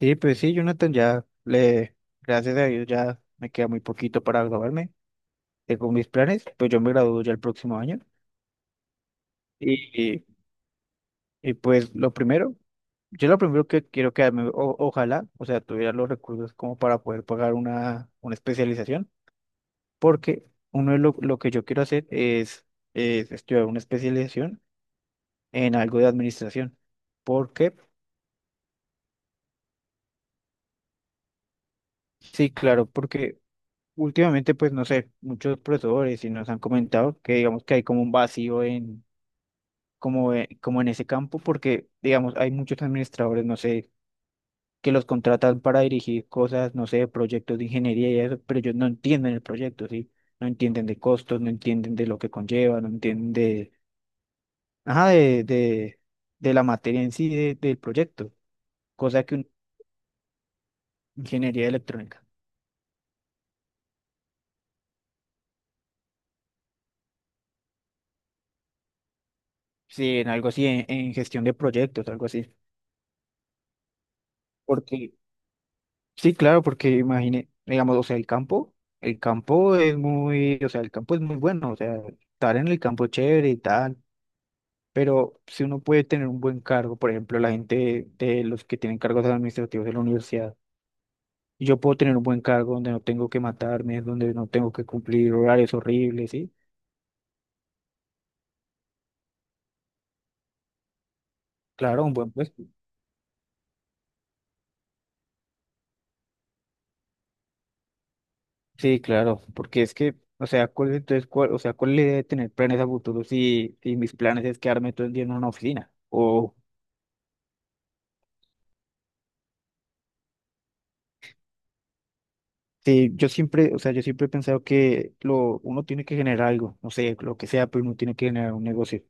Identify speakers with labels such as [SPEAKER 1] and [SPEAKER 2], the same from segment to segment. [SPEAKER 1] Sí, pues sí, Jonathan, gracias a Dios, ya me queda muy poquito para graduarme. Tengo mis planes, pues yo me gradúo ya el próximo año. Y, y, pues lo primero, yo lo primero que quiero quedarme, ojalá, o sea, tuviera los recursos como para poder pagar una especialización, porque lo que yo quiero hacer es estudiar una especialización en algo de administración. ¿Por qué? Sí, claro, porque últimamente, pues no sé, muchos profesores sí nos han comentado que digamos que hay como un vacío en, como, como en ese campo, porque digamos hay muchos administradores, no sé, que los contratan para dirigir cosas, no sé, proyectos de ingeniería y eso, pero ellos no entienden el proyecto, ¿sí? No entienden de costos, no entienden de lo que conlleva, no entienden de, ajá, de la materia en sí del proyecto, cosa que ingeniería electrónica, sí, en algo así, en gestión de proyectos, algo así. Porque sí, claro, porque imagine, digamos, o sea, el campo es muy, o sea, el campo es muy bueno, o sea, estar en el campo es chévere y tal, pero si uno puede tener un buen cargo, por ejemplo, la gente de los que tienen cargos administrativos de la universidad, y yo puedo tener un buen cargo donde no tengo que matarme, donde no tengo que cumplir horarios horribles, ¿sí? Claro, un buen puesto. Sí, claro, porque es que, o sea, ¿cuál es la idea de tener planes a futuro si, si mis planes es quedarme todo el día en una oficina? O sí, yo siempre, o sea, yo siempre he pensado que lo, uno tiene que generar algo, no sé, lo que sea, pero uno tiene que generar un negocio.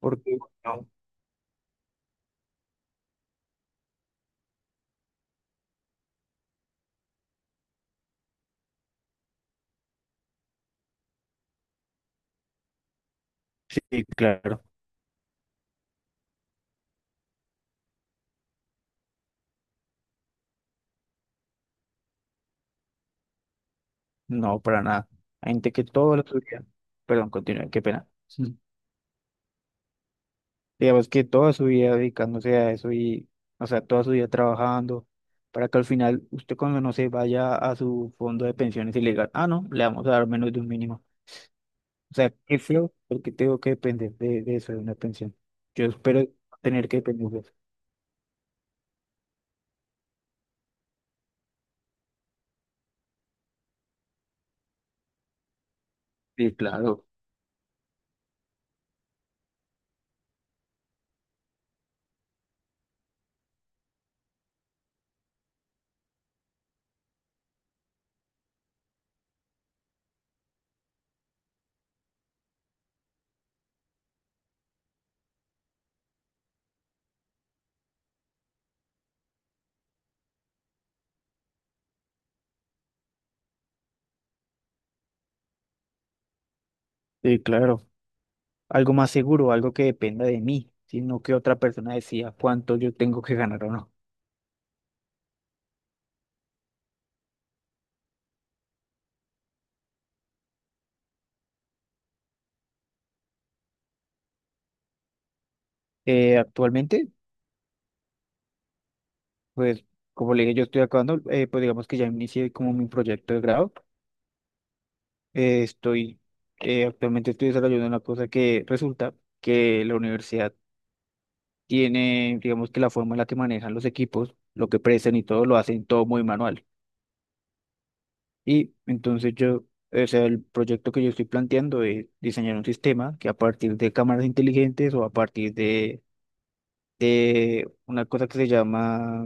[SPEAKER 1] Porque, no, sí, claro, no, para nada. Hay gente que toda la su vida, perdón, continúe, qué pena. Sí. Digamos que toda su vida dedicándose a eso y, o sea, toda su vida trabajando, para que al final usted cuando no se vaya a su fondo de pensiones y le digan, ah, no, le vamos a dar menos de un mínimo. O sea, qué feo, porque tengo que depender de eso, de una pensión. Yo espero tener que depender de eso. Sí, claro. Sí, claro. Algo más seguro, algo que dependa de mí, sino que otra persona decida cuánto yo tengo que ganar o no. Actualmente, pues, como le dije, yo estoy acabando, pues digamos que ya inicié como mi proyecto de grado. Eh, estoy, actualmente estoy desarrollando una cosa que resulta que la universidad tiene, digamos que la forma en la que manejan los equipos, lo que prestan y todo, lo hacen todo muy manual. Y entonces yo, o sea, el proyecto que yo estoy planteando es diseñar un sistema que a partir de cámaras inteligentes o a partir de una cosa que se llama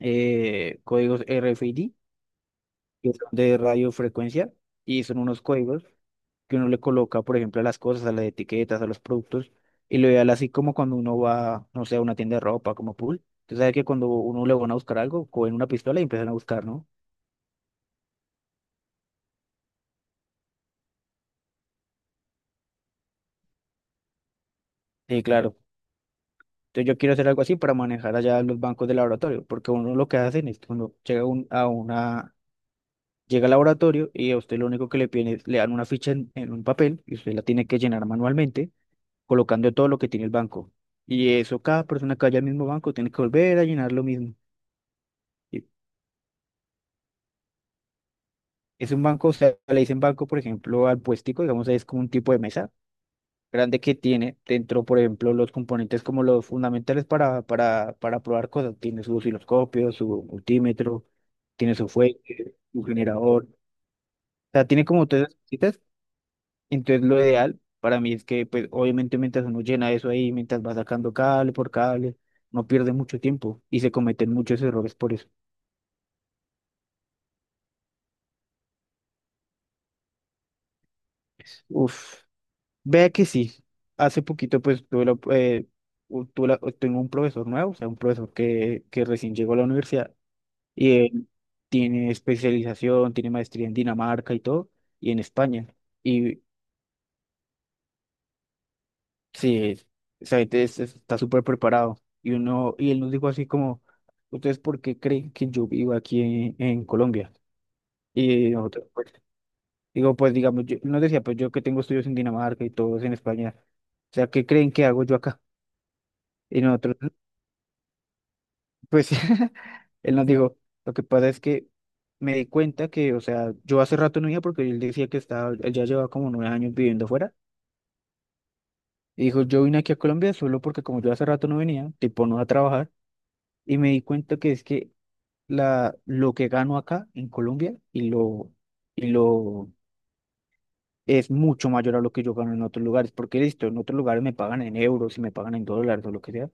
[SPEAKER 1] códigos RFID, que son de radiofrecuencia, y son unos códigos que uno le coloca, por ejemplo, a las cosas, a las etiquetas, a los productos, y lo ideal así como cuando uno va, no sé, a una tienda de ropa, como pool. Tú sabes que cuando uno le van a buscar algo, cogen una pistola y empiezan a buscar, ¿no? Sí, claro. Entonces yo quiero hacer algo así para manejar allá los bancos de laboratorio, porque uno lo que hacen es que uno llega a una, llega al laboratorio y a usted lo único que le piden es, le dan una ficha en un papel y usted la tiene que llenar manualmente, colocando todo lo que tiene el banco. Y eso cada persona que vaya al mismo banco tiene que volver a llenar lo mismo. Y es un banco, o sea, le dicen banco, por ejemplo, al puestico, digamos, es como un tipo de mesa grande que tiene dentro, por ejemplo, los componentes como los fundamentales para probar cosas. Tiene su osciloscopio, su multímetro, tiene su fuente, su generador. O sea, tiene como todas esas cositas. Entonces, lo ideal para mí es que, pues, obviamente, mientras uno llena eso ahí, mientras va sacando cable por cable, no pierde mucho tiempo y se cometen muchos errores por eso. Uf, vea que sí. Hace poquito, pues, tuve la, u- tuve la- tengo un profesor nuevo, o sea, un profesor que recién llegó a la universidad. Y él tiene especialización, tiene maestría en Dinamarca y todo, y en España. Y sí, esa gente está súper preparado. Y uno, y él nos dijo así como, ¿ustedes por qué creen que yo vivo aquí en Colombia? Y nosotros, pues, digo, pues digamos, yo, él nos decía, pues yo que tengo estudios en Dinamarca y todos en España. O sea, ¿qué creen que hago yo acá? Y nosotros, pues él nos dijo, lo que pasa es que me di cuenta que, o sea, yo hace rato no iba porque él decía que estaba, él ya llevaba como 9 años viviendo afuera. Y dijo, yo vine aquí a Colombia solo porque como yo hace rato no venía, tipo no a trabajar, y me di cuenta que es que la, lo que gano acá en Colombia y lo es mucho mayor a lo que yo gano en otros lugares, porque listo, en otros lugares me pagan en euros y me pagan en dólares o lo que sea,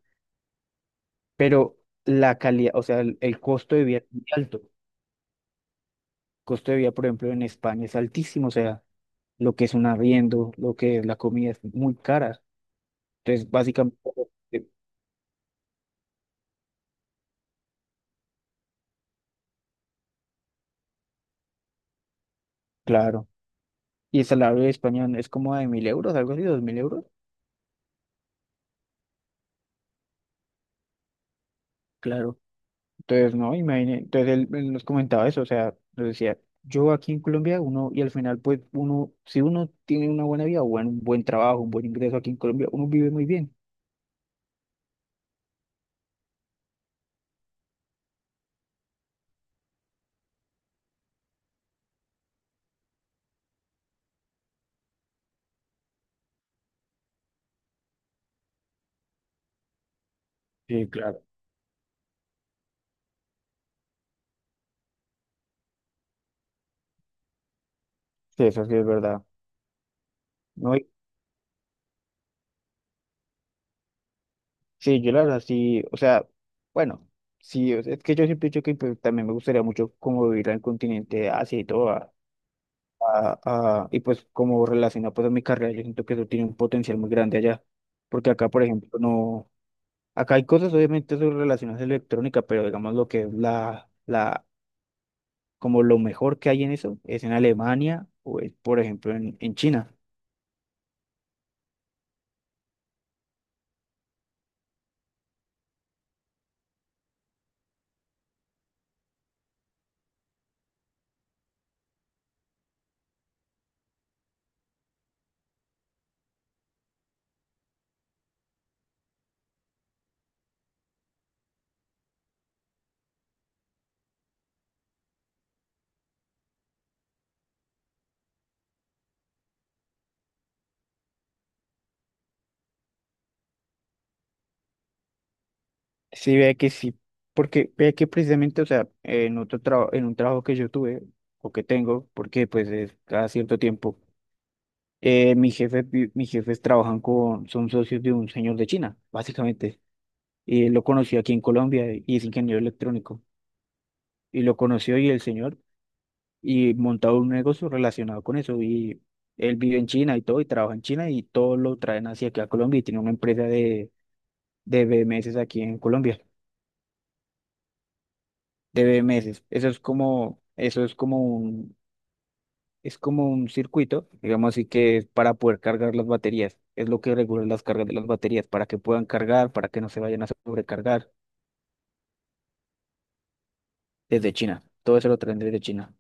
[SPEAKER 1] pero la calidad, o sea, el costo de vida es muy alto. Costo de vida, por ejemplo, en España es altísimo, o sea, lo que es un arriendo, lo que es la comida es muy cara. Entonces, básicamente, eh, claro. Y el salario de España es como de 1.000 euros, algo así, 2.000 euros. Claro. Entonces, no, imagínate. Entonces, él nos comentaba eso, o sea, nos decía, yo aquí en Colombia, uno, y al final, pues, uno, si uno tiene una buena vida, bueno, un buen trabajo, un buen ingreso aquí en Colombia, uno vive muy bien. Sí, claro. Sí, eso sí es verdad. No, sí, yo la verdad sí, o sea, bueno, sí, o sea, es que yo siempre he dicho que pues, también me gustaría mucho como vivir al continente de Asia y todo, y pues como relacionado pues a mi carrera, yo siento que eso tiene un potencial muy grande allá, porque acá, por ejemplo, no, acá hay cosas obviamente sobre relaciones electrónicas, pero digamos lo que es como lo mejor que hay en eso es en Alemania o es, por ejemplo, en China. Sí, vea que sí, porque vea que precisamente, o sea, en otro trabajo, en un trabajo que yo tuve o que tengo, porque pues es cada cierto tiempo, mis jefes trabajan con, son socios de un señor de China, básicamente, y él lo conoció aquí en Colombia, y es ingeniero electrónico, y lo conoció y el señor, y montado un negocio relacionado con eso, y él vive en China y todo, y trabaja en China y todo lo traen hacia aquí a Colombia y tiene una empresa de BMS aquí en Colombia. De meses. Eso es como un circuito, digamos así que es para poder cargar las baterías. Es lo que regula las cargas de las baterías, para que puedan cargar, para que no se vayan a sobrecargar desde China. Todo eso lo traen desde China.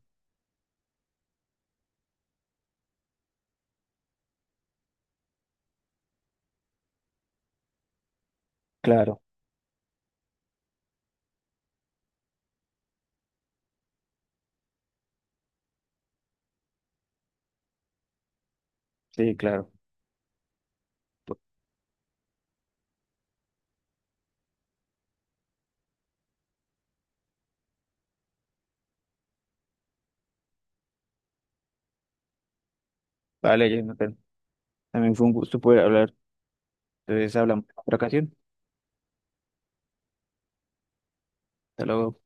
[SPEAKER 1] Claro, sí, claro. Vale, Jonathan. También fue un gusto poder hablar. Entonces hablamos en otra ocasión. Hasta luego.